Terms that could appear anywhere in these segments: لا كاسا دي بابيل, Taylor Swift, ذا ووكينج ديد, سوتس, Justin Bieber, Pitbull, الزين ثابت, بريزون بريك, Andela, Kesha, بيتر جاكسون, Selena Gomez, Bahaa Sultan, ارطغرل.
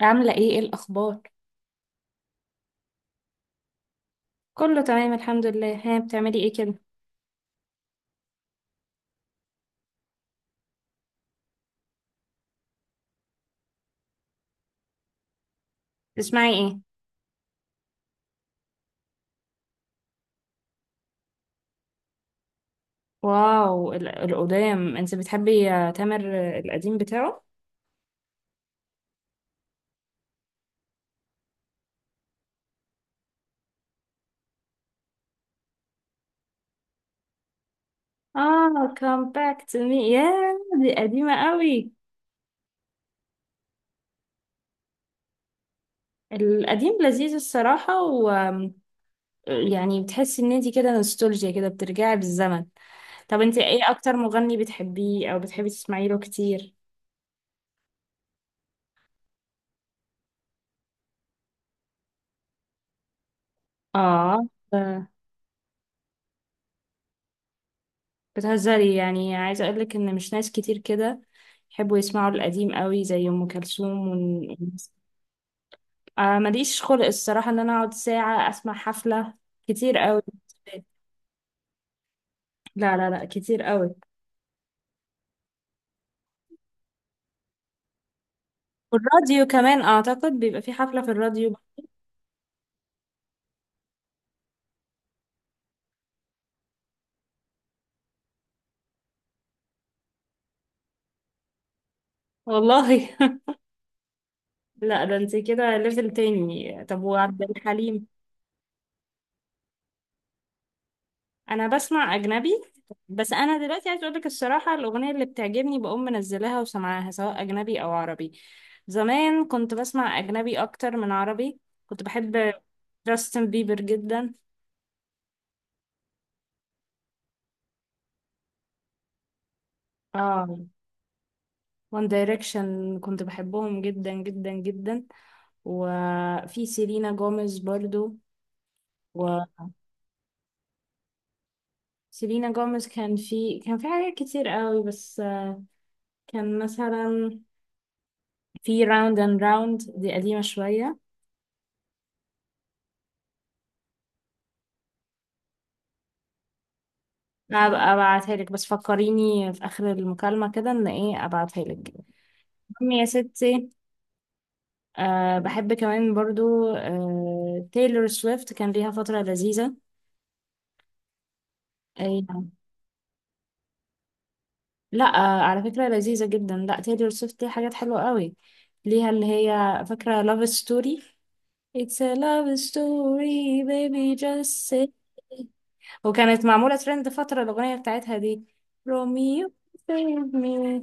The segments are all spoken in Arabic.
عاملة ايه ايه الأخبار؟ كله تمام الحمد لله. ها، بتعملي ايه كده؟ بتسمعي ايه؟ واو. القدام انت بتحبي، تامر، القديم بتاعه؟ اه، come back to me. يا دي قديمة قوي. القديم لذيذ الصراحة، و يعني بتحسي ان انت كده نوستالجيا كده، بترجعي بالزمن. طب انت ايه اكتر مغني بتحبيه او بتحبي تسمعي له كتير؟ اه. بتهزري؟ يعني عايزة أقولك إن مش ناس كتير كده يحبوا يسمعوا القديم قوي زي أم كلثوم آه، ماليش خلق الصراحة إن أنا أقعد ساعة أسمع حفلة، كتير قوي. لا لا لا، كتير قوي. والراديو كمان أعتقد بيبقى في حفلة في الراديو. والله. لا، ده انت كده ليفل تاني. طب وعبد الحليم؟ انا بسمع اجنبي، بس انا دلوقتي عايز اقولك الصراحه، الاغنيه اللي بتعجبني بقوم منزلاها وسمعاها، سواء اجنبي او عربي. زمان كنت بسمع اجنبي اكتر من عربي. كنت بحب جاستن بيبر جدا. اه. وان دايركشن كنت بحبهم جدا جدا جدا. وفي سيلينا جوميز برضو. وسيلينا جوميز كان في حاجات كتير قوي، بس كان مثلا في راوند اند راوند. دي قديمه شويه. هبقى ابعتها لك، بس فكريني في اخر المكالمة كده ان ايه ابعتها لك. المهم يا ستي، بحب كمان برضو، تايلور سويفت كان ليها فترة لذيذة. أي نعم. لا، على فكرة لذيذة جدا. لا، تايلور سويفت ليها حاجات حلوة قوي، ليها اللي هي فاكرة love story. It's a love story, baby, just say. وكانت معمولة ترند فترة، الأغنية بتاعتها دي. روميو. save me.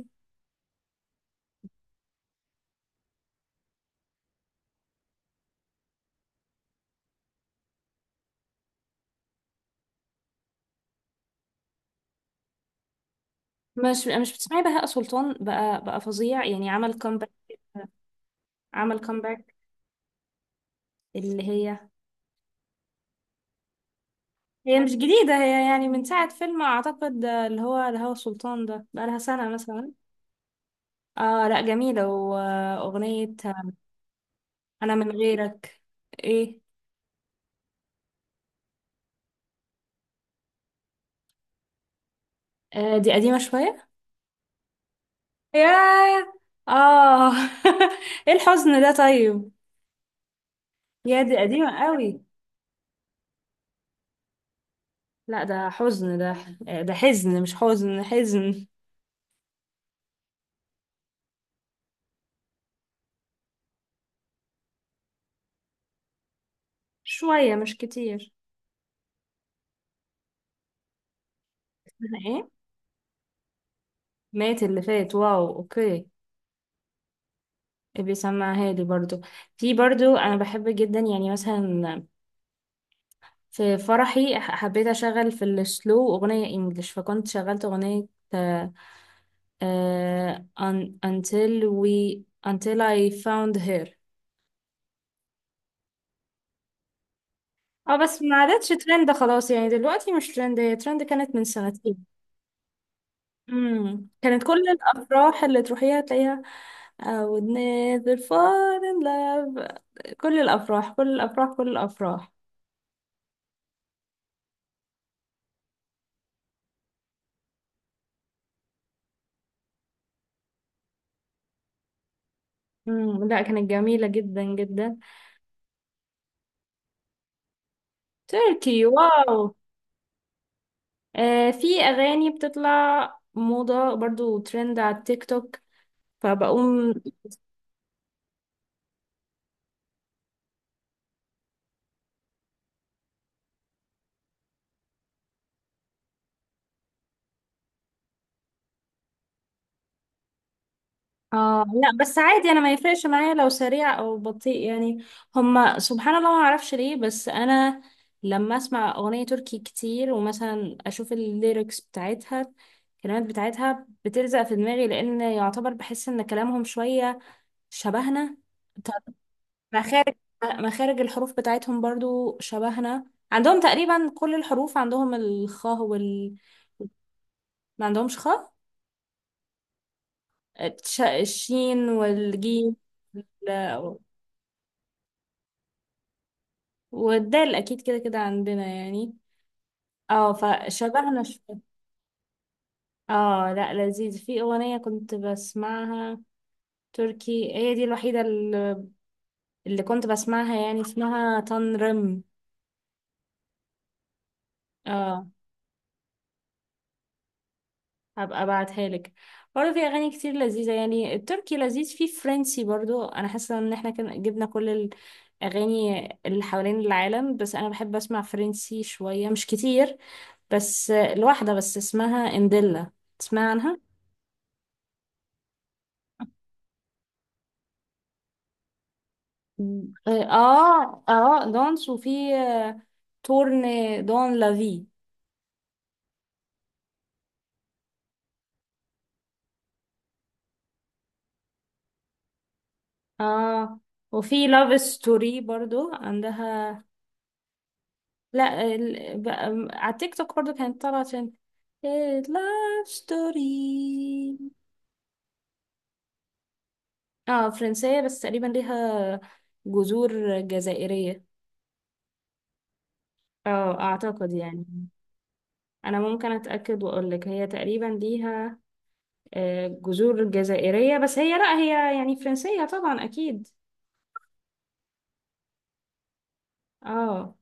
مش بتسمعي بهاء سلطان؟ بقى فظيع يعني، عمل كومباك. عمل كومباك. اللي هي مش جديدة، هي يعني من ساعة فيلم أعتقد، اللي هو الهوى سلطان. ده بقى لها سنة مثلا. اه لا، جميلة. وأغنية أنا من غيرك. ايه. آه، دي قديمة شوية. ياه. اه. ايه الحزن ده طيب. يا دي قديمة قوي. لا، ده حزن ده. ده حزن، مش حزن حزن. شوية مش كتير. إيه. مات اللي فات. واو، اوكي. ابي سمعها لي برضو. في برضو انا بحب جدا يعني مثلا، في فرحي حبيت اشغل في السلو اغنية انجلش، فكنت شغلت اغنية. آه، until we until I found her. اه، بس ما عادتش ترند خلاص يعني، دلوقتي مش ترند. هي ترند كانت من سنتين. كانت كل الافراح اللي تروحيها تلاقيها. I would never fall in love. كل الافراح، كل الافراح، كل الافراح. مم. لا، كانت جميلة جدا جدا. تركي، واو. آه، في أغاني بتطلع موضة برضو ترند على التيك توك، فبقوم. آه لا، بس عادي، أنا ما يفرقش معايا لو سريع أو بطيء يعني. هما سبحان الله ما أعرفش ليه، بس أنا لما أسمع أغنية تركي كتير ومثلا أشوف الليركس بتاعتها، الكلمات بتاعتها بتلزق في دماغي، لأن يعتبر بحس إن كلامهم شوية شبهنا. مخارج مخارج الحروف بتاعتهم برضو شبهنا. عندهم تقريبا كل الحروف، عندهم الخاء ما عندهمش خاء. الشين والجيم وال- والدال اكيد، كده كده عندنا يعني. اه، فشبهنا شوية. اه لا، لذيذ. في اغنية كنت بسمعها تركي، هي دي الوحيدة اللي كنت بسمعها، يعني اسمها تنرم. اه، هبقى ابعتها لك. برضه في اغاني كتير لذيذه، يعني التركي لذيذ. في فرنسي برضه، انا حاسه ان احنا كان جبنا كل الاغاني اللي حوالين العالم، بس انا بحب اسمع فرنسي شويه مش كتير، بس الواحده بس اسمها انديلا. تسمع عنها؟ مم. اه اه، دانس. وفي تورن، دون لافي. اه، وفي لاف ستوري برضو عندها. لا، على التيك توك برضو كانت طالعة عشان لاف ستوري. اه فرنسية، بس تقريبا ليها جذور جزائرية. اه، اعتقد يعني. انا ممكن اتأكد واقول لك، هي تقريبا ليها جذور جزائرية، بس هي، لا، هي يعني فرنسية طبعا اكيد. اه.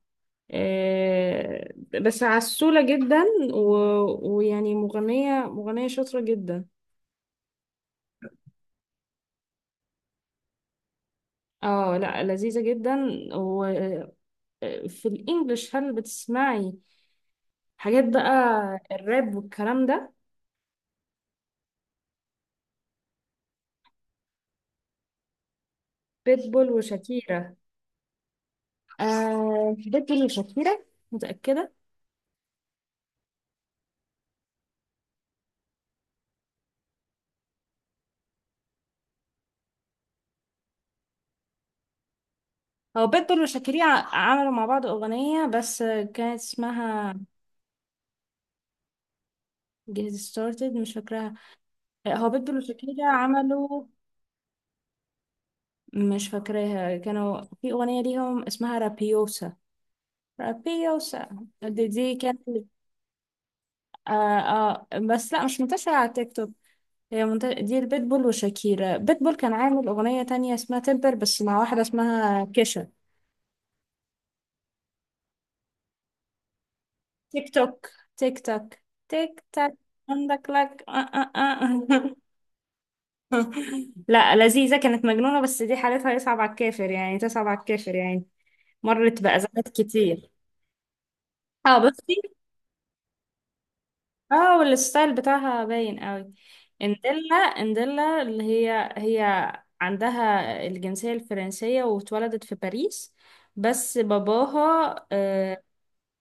آه، بس عسولة جدا، ويعني مغنية شاطرة جدا. اه لا، لذيذة جدا. و... في الانجليش هل بتسمعي حاجات بقى؟ الراب والكلام ده؟ بيتبول وشاكيرا. آه، بيتبول وشاكيرا، متأكدة. هو بيتبول وشاكيرا عملوا مع بعض أغنية، بس كانت اسمها get started. مش فاكراها. هو بيتبول وشاكيرا عملوا. مش فاكراها. كانوا في أغنية ليهم اسمها رابيوسا. رابيوسا. دي كانت آه آه. بس لا، مش منتشرة على تيك توك. هي دي البيتبول وشاكيرا بيتبول كان عامل أغنية تانية اسمها تمبر، بس مع واحدة اسمها كيشا. تيك توك، تيك توك، تيك تاك. عندك لك، آه آه. آه. لا، لذيذة. كانت مجنونة، بس دي حالتها يصعب على الكافر يعني، تصعب على الكافر يعني. مرت بأزمات كتير. اه بصي. اه، والستايل بتاعها باين قوي. انديلا اللي هي عندها الجنسية الفرنسية، واتولدت في باريس. بس باباها،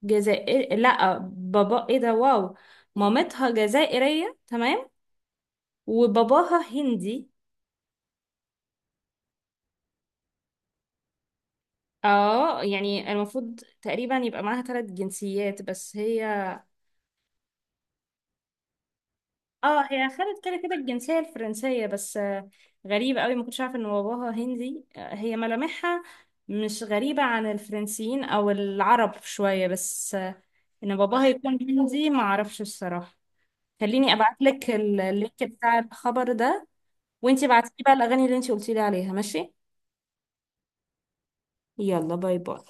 جزائري. لا، بابا ايه ده؟ واو. مامتها جزائرية، تمام. وباباها هندي. اه، يعني المفروض تقريبا يبقى معاها ثلاث جنسيات، بس هي، اه، هي خدت كده كده الجنسية الفرنسية. بس غريبة قوي، ما كنتش عارفة ان باباها هندي. هي ملامحها مش غريبة عن الفرنسيين او العرب شوية، بس ان باباها يكون هندي ما اعرفش الصراحة. خليني ابعت لك اللينك بتاع الخبر ده. وانتي بعتي بقى الاغاني اللي انتي قلتي لي عليها، ماشي؟ يلا، باي باي.